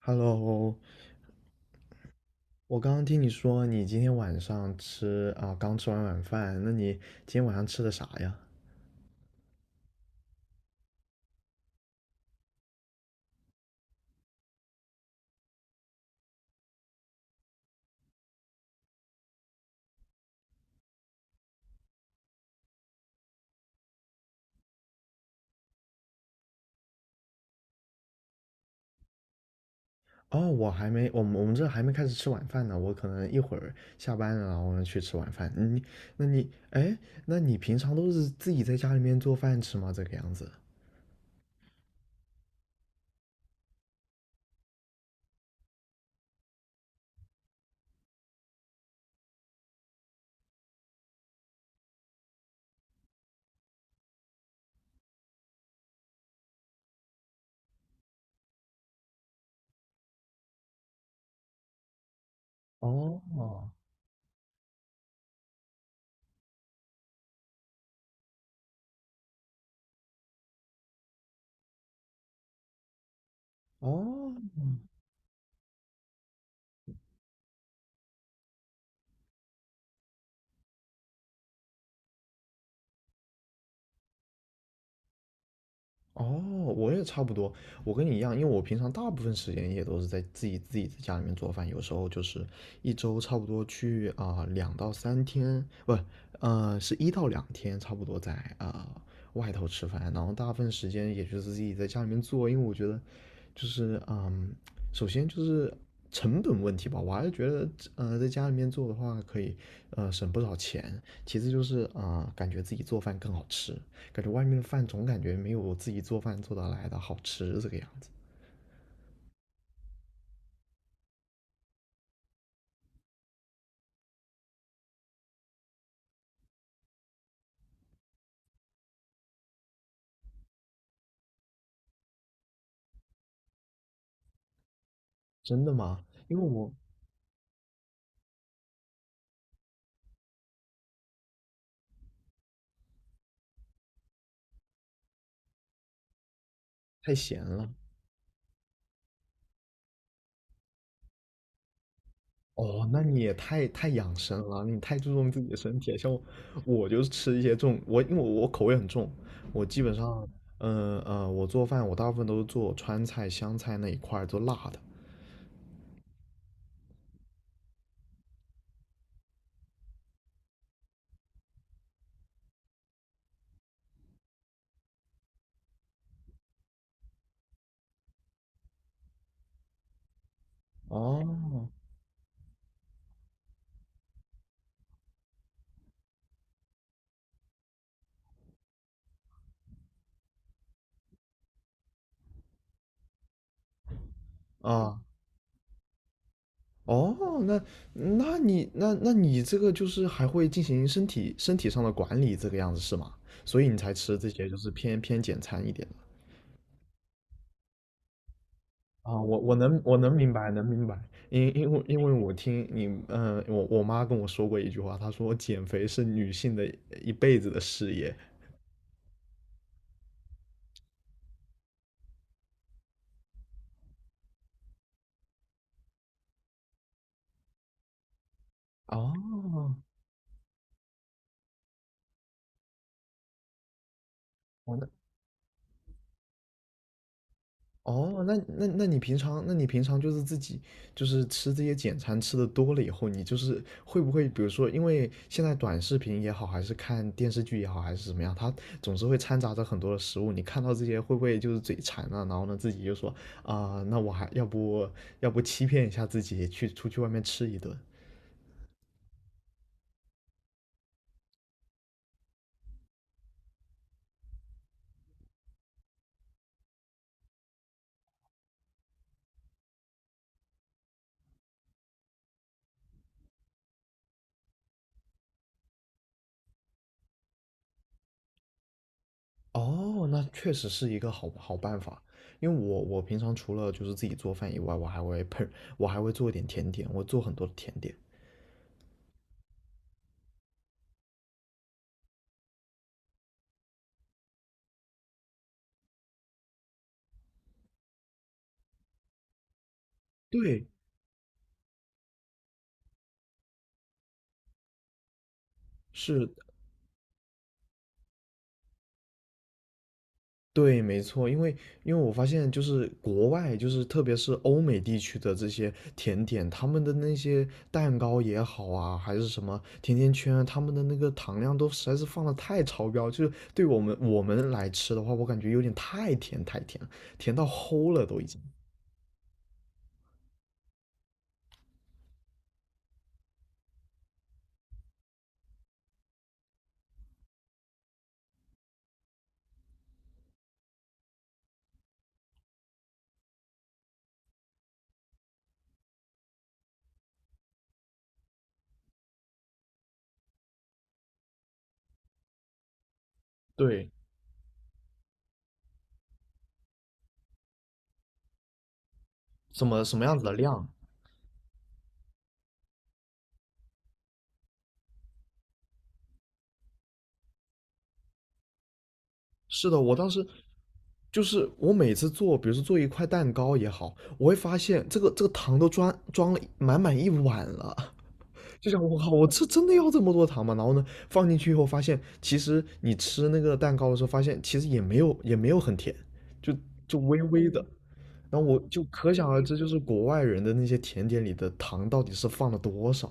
Hello，我刚刚听你说你今天晚上吃，刚吃完晚饭，那你今天晚上吃的啥呀？哦，我还没，我们这还没开始吃晚饭呢，我可能一会儿下班了，然后呢去吃晚饭。你，那你，哎，那你平常都是自己在家里面做饭吃吗？这个样子？哦，哦，哦，我也差不多，我跟你一样，因为我平常大部分时间也都是在自己自己在家里面做饭，有时候就是一周差不多去两到三天，不，呃，是一到两天，差不多在啊、外头吃饭，然后大部分时间也就是自己在家里面做，因为我觉得就是嗯，首先就是成本问题吧，我还是觉得在家里面做的话可以省不少钱，其次就是感觉自己做饭更好吃，感觉外面的饭总感觉没有我自己做饭做得来的好吃这个样子。真的吗？因为我太闲了。哦，那你也太养生了，你太注重自己的身体了。像我，我就是吃一些重，因为我口味很重，我基本上，我做饭我大部分都是做川菜、湘菜那一块儿，做辣的。哦，啊、哦，那那你这个就是还会进行身体上的管理，这个样子是吗？所以你才吃这些就是偏简餐一点的。啊，我能明白。因为我听你我妈跟我说过一句话，她说减肥是女性的一辈子的事业。哦，我哦，那你平常就是自己就是吃这些简餐吃的多了以后，你就是会不会，比如说，因为现在短视频也好，还是看电视剧也好，还是怎么样，它总是会掺杂着很多的食物，你看到这些会不会就是嘴馋了，然后呢自己就说啊、那我还要不要不欺骗一下自己，去出去外面吃一顿？哦，那确实是一个好办法。因为我我平常除了就是自己做饭以外，我还会 我还会做一点甜点，我做很多的甜点。对，是，对，没错，因为我发现就是国外，就是特别是欧美地区的这些甜点，他们的那些蛋糕也好啊，还是什么甜甜圈啊他们的那个糖量都实在是放的太超标，就是对我们来吃的话，我感觉有点太甜了，甜到齁了都已经。对，什么什么样子的量？是的，我当时就是我每次做，比如说做一块蛋糕也好，我会发现这个糖都装了满满一碗了。就想我靠，我这真的要这么多糖吗？然后呢，放进去以后发现，其实你吃那个蛋糕的时候，发现其实也没有很甜，就微微的。然后我就可想而知，就是国外人的那些甜点里的糖到底是放了多少，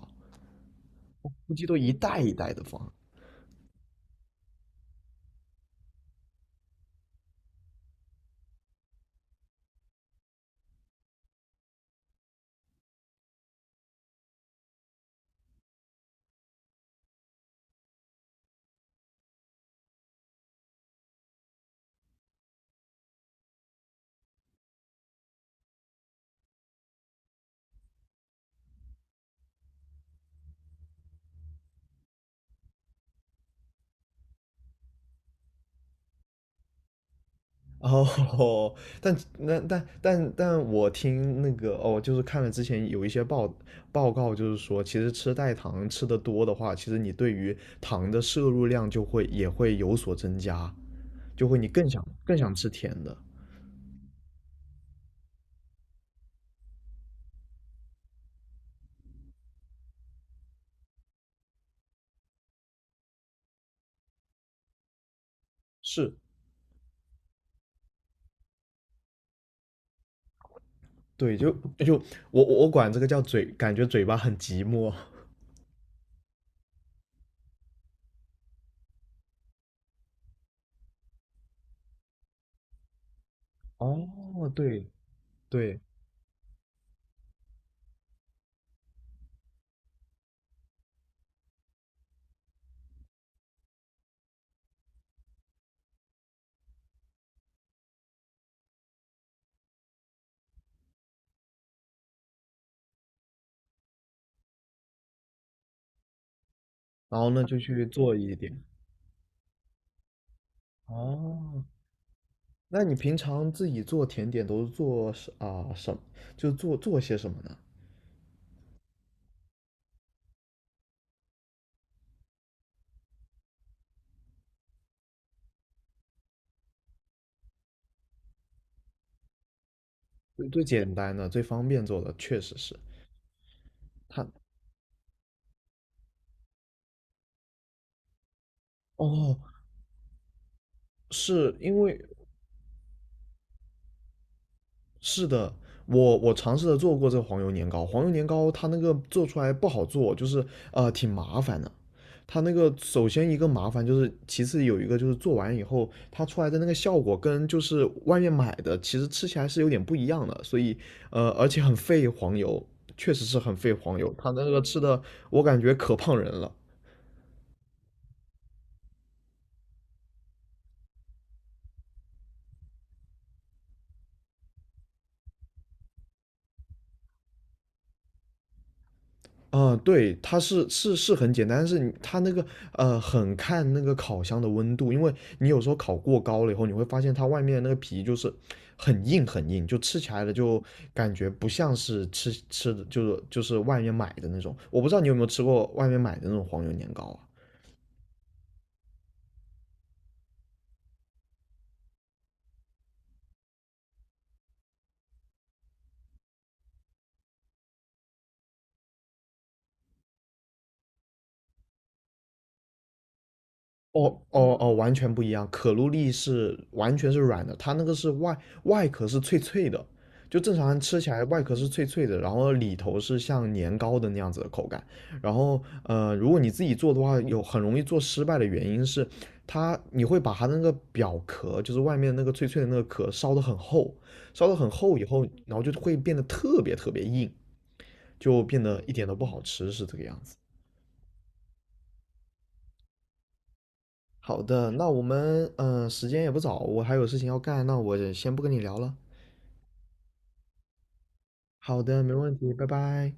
估计都一袋一袋的放。哦，但我听那个哦，就是看了之前有一些报告，就是说，其实吃代糖吃的多的话，其实你对于糖的摄入量就会也会有所增加，就会你更想吃甜的。是，对，就就我我管这个叫嘴，感觉嘴巴很寂寞。哦，对对，然后呢就去做一点。哦，那你平常自己做甜点都是做什么？就做做些什么呢？最简单的、最方便做的，确实是它。哦，是因为是的，我尝试着做过这个黄油年糕，黄油年糕它那个做出来不好做，就是挺麻烦的。它那个首先一个麻烦就是，其次有一个就是做完以后，它出来的那个效果跟就是外面买的其实吃起来是有点不一样的，所以而且很费黄油，确实是很费黄油，它那个吃的我感觉可胖人了。嗯，对，它是很简单，但是你它那个很看那个烤箱的温度，因为你有时候烤过高了以后，你会发现它外面那个皮就是很硬，就吃起来的就感觉不像是吃的，就是外面买的那种。我不知道你有没有吃过外面买的那种黄油年糕啊？哦，完全不一样。可露丽是完全是软的，它那个是外壳是脆脆的，就正常人吃起来外壳是脆脆的，然后里头是像年糕的那样子的口感。然后如果你自己做的话，有很容易做失败的原因是它你会把它那个表壳，就是外面那个脆脆的那个壳烧得很厚，烧得很厚以后，然后就会变得特别硬，就变得一点都不好吃，是这个样子。好的，那我们嗯，时间也不早，我还有事情要干，那我先不跟你聊了。好的，没问题，拜拜。